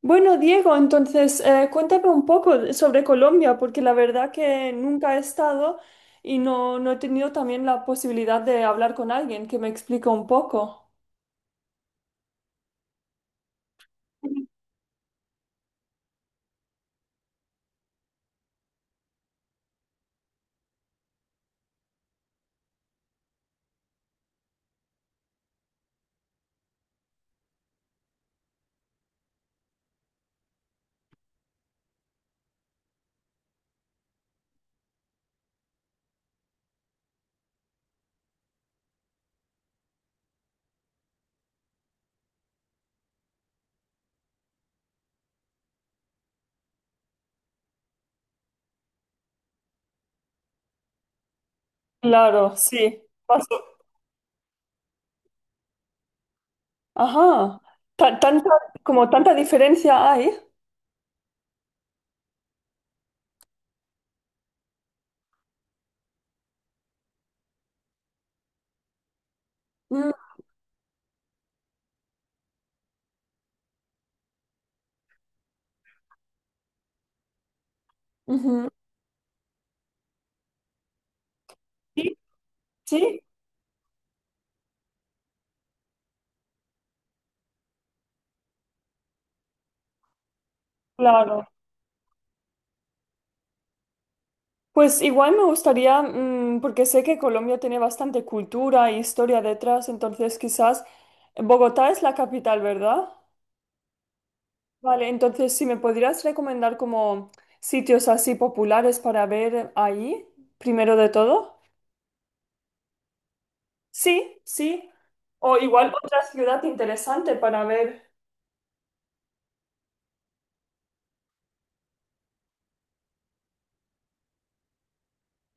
Bueno, Diego, entonces cuéntame un poco sobre Colombia, porque la verdad que nunca he estado y no he tenido también la posibilidad de hablar con alguien que me explique un poco. Claro, sí. Paso. Ajá. Tanta, como tanta diferencia hay. Mm, ujú. Sí, sí, claro. Pues igual me gustaría, porque sé que Colombia tiene bastante cultura e historia detrás, entonces quizás Bogotá es la capital, ¿verdad? Vale, entonces si me podrías recomendar como sitios así populares para ver ahí, primero de todo. Sí, sí. O igual otra ciudad interesante para ver.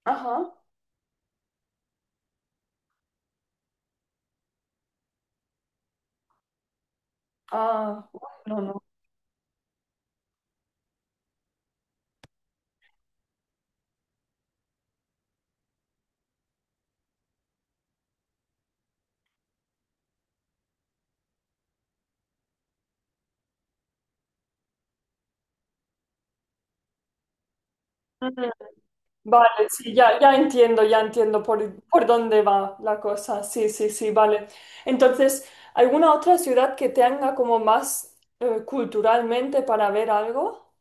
Ajá. Ah, no, no. Mm. Vale, sí, ya entiendo, ya entiendo por dónde va la cosa. Sí, sí, sí, vale. Entonces, ¿alguna otra ciudad que tenga como más culturalmente para ver algo?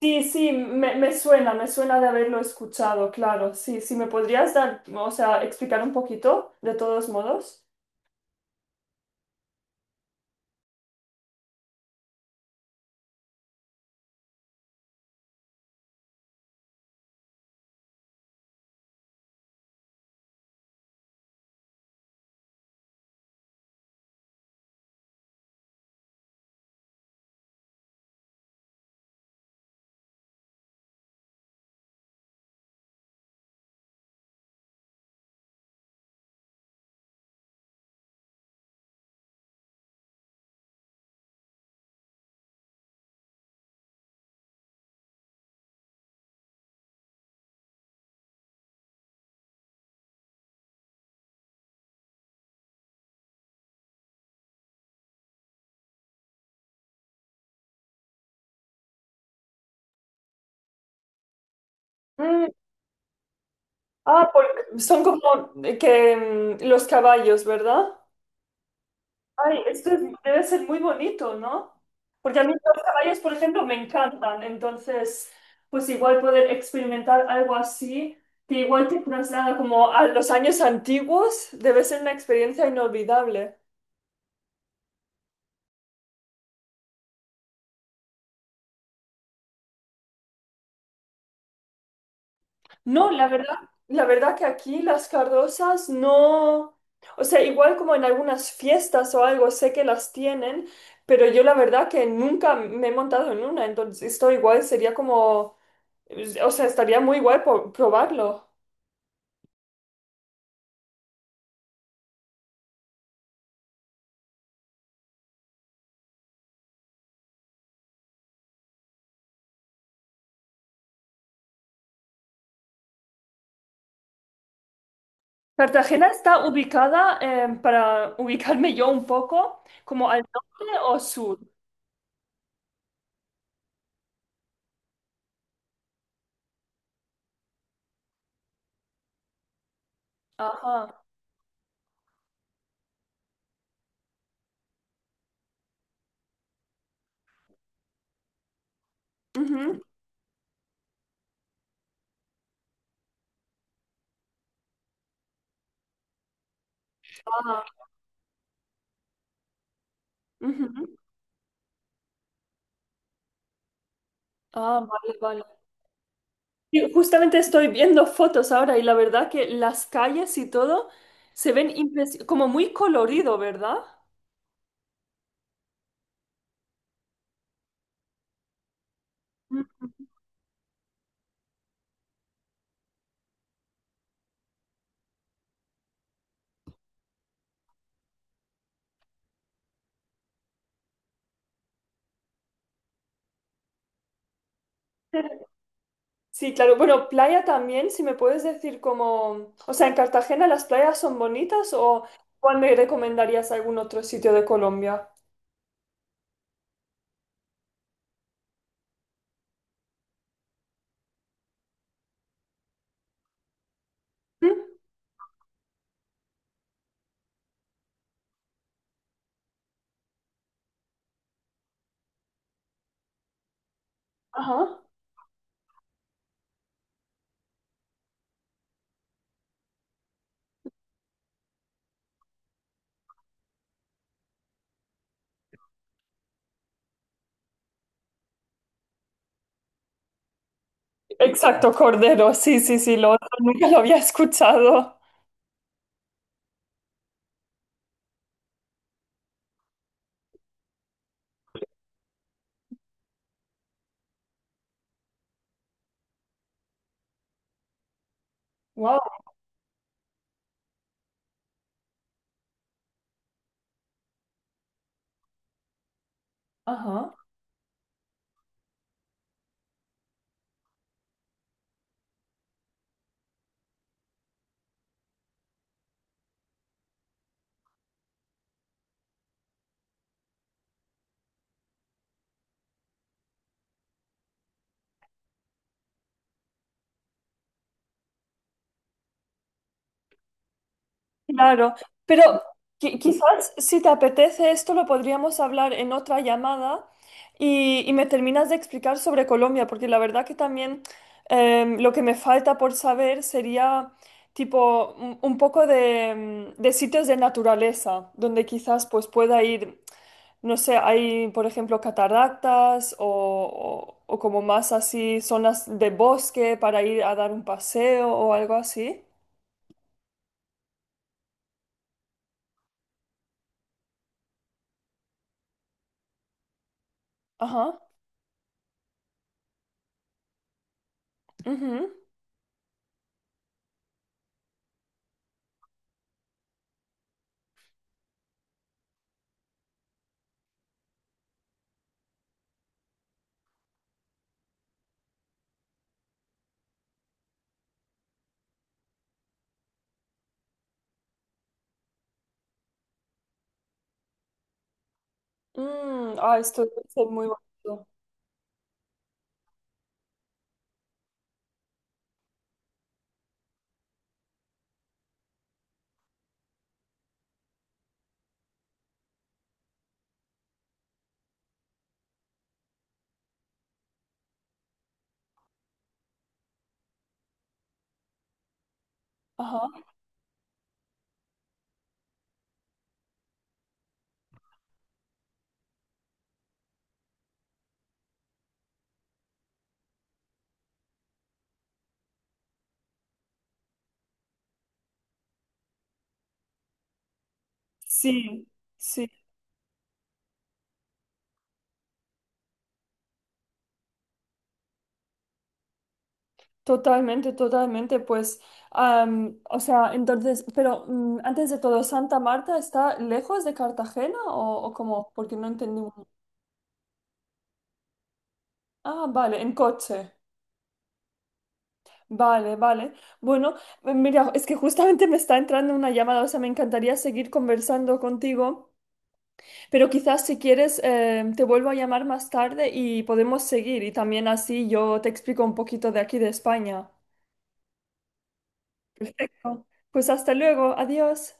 Sí, sí, me suena de haberlo escuchado, claro. Sí, sí, ¿me podrías dar, o sea, explicar un poquito, de todos modos? Mm, ah, porque son como eh, que los caballos, ¿verdad? Ay, esto es- debe ser muy bonito, ¿no? Porque a mí los caballos, por ejemplo, me encantan. Entonces, pues igual poder experimentar algo así, que igual te traslada como a los años antiguos, debe ser una experiencia inolvidable. No, la verdad que aquí las cardosas no, o sea, igual como en algunas fiestas o algo, sé que las tienen, pero yo la verdad que nunca me he montado en una, entonces esto igual sería como, o sea, estaría muy guay probarlo. Cartagena está ubicada, para ubicarme yo un poco, como al norte o sur. Ajá. Ujú. Ah, ujú. Ah, vale, vale. Y justamente estoy viendo fotos ahora y la verdad que las calles y todo se ven como muy colorido, ¿verdad? Mm. Sí, claro. Bueno, playa también, si me puedes decir como, o sea, ¿en Cartagena las playas son bonitas o cuál me recomendarías algún otro sitio de Colombia? ¿Mm? Ajá. Exacto, cordero. Sí, sí, sí, lo otro nunca lo había escuchado. Wow. Ajá. Claro, pero quizás si te apetece esto lo podríamos hablar en otra llamada y me terminas de explicar sobre Colombia, porque la verdad que también lo que me falta por saber sería tipo un poco de, de sitios de naturaleza, donde quizás pues pueda ir, no sé, hay por ejemplo cataratas o, o como más así zonas de bosque para ir a dar un paseo o algo así. Ajá. Ujú. Mm, ah, esto debe ser muy bonito. Ajá. Sí, sí, totalmente, totalmente. Pues, am, o sea, entonces, pero antes de todo, ¿Santa Marta está lejos de Cartagena o cómo? Porque no entendí bien. Ah, vale, en coche. Vale, vale. Bueno, mira, es que justamente me está entrando una llamada, o sea, me encantaría seguir conversando contigo. Pero quizás si quieres, te vuelvo a llamar más tarde y podemos seguir. Y también así yo te explico un poquito de aquí de España. Perfecto. Pues hasta luego. Adiós.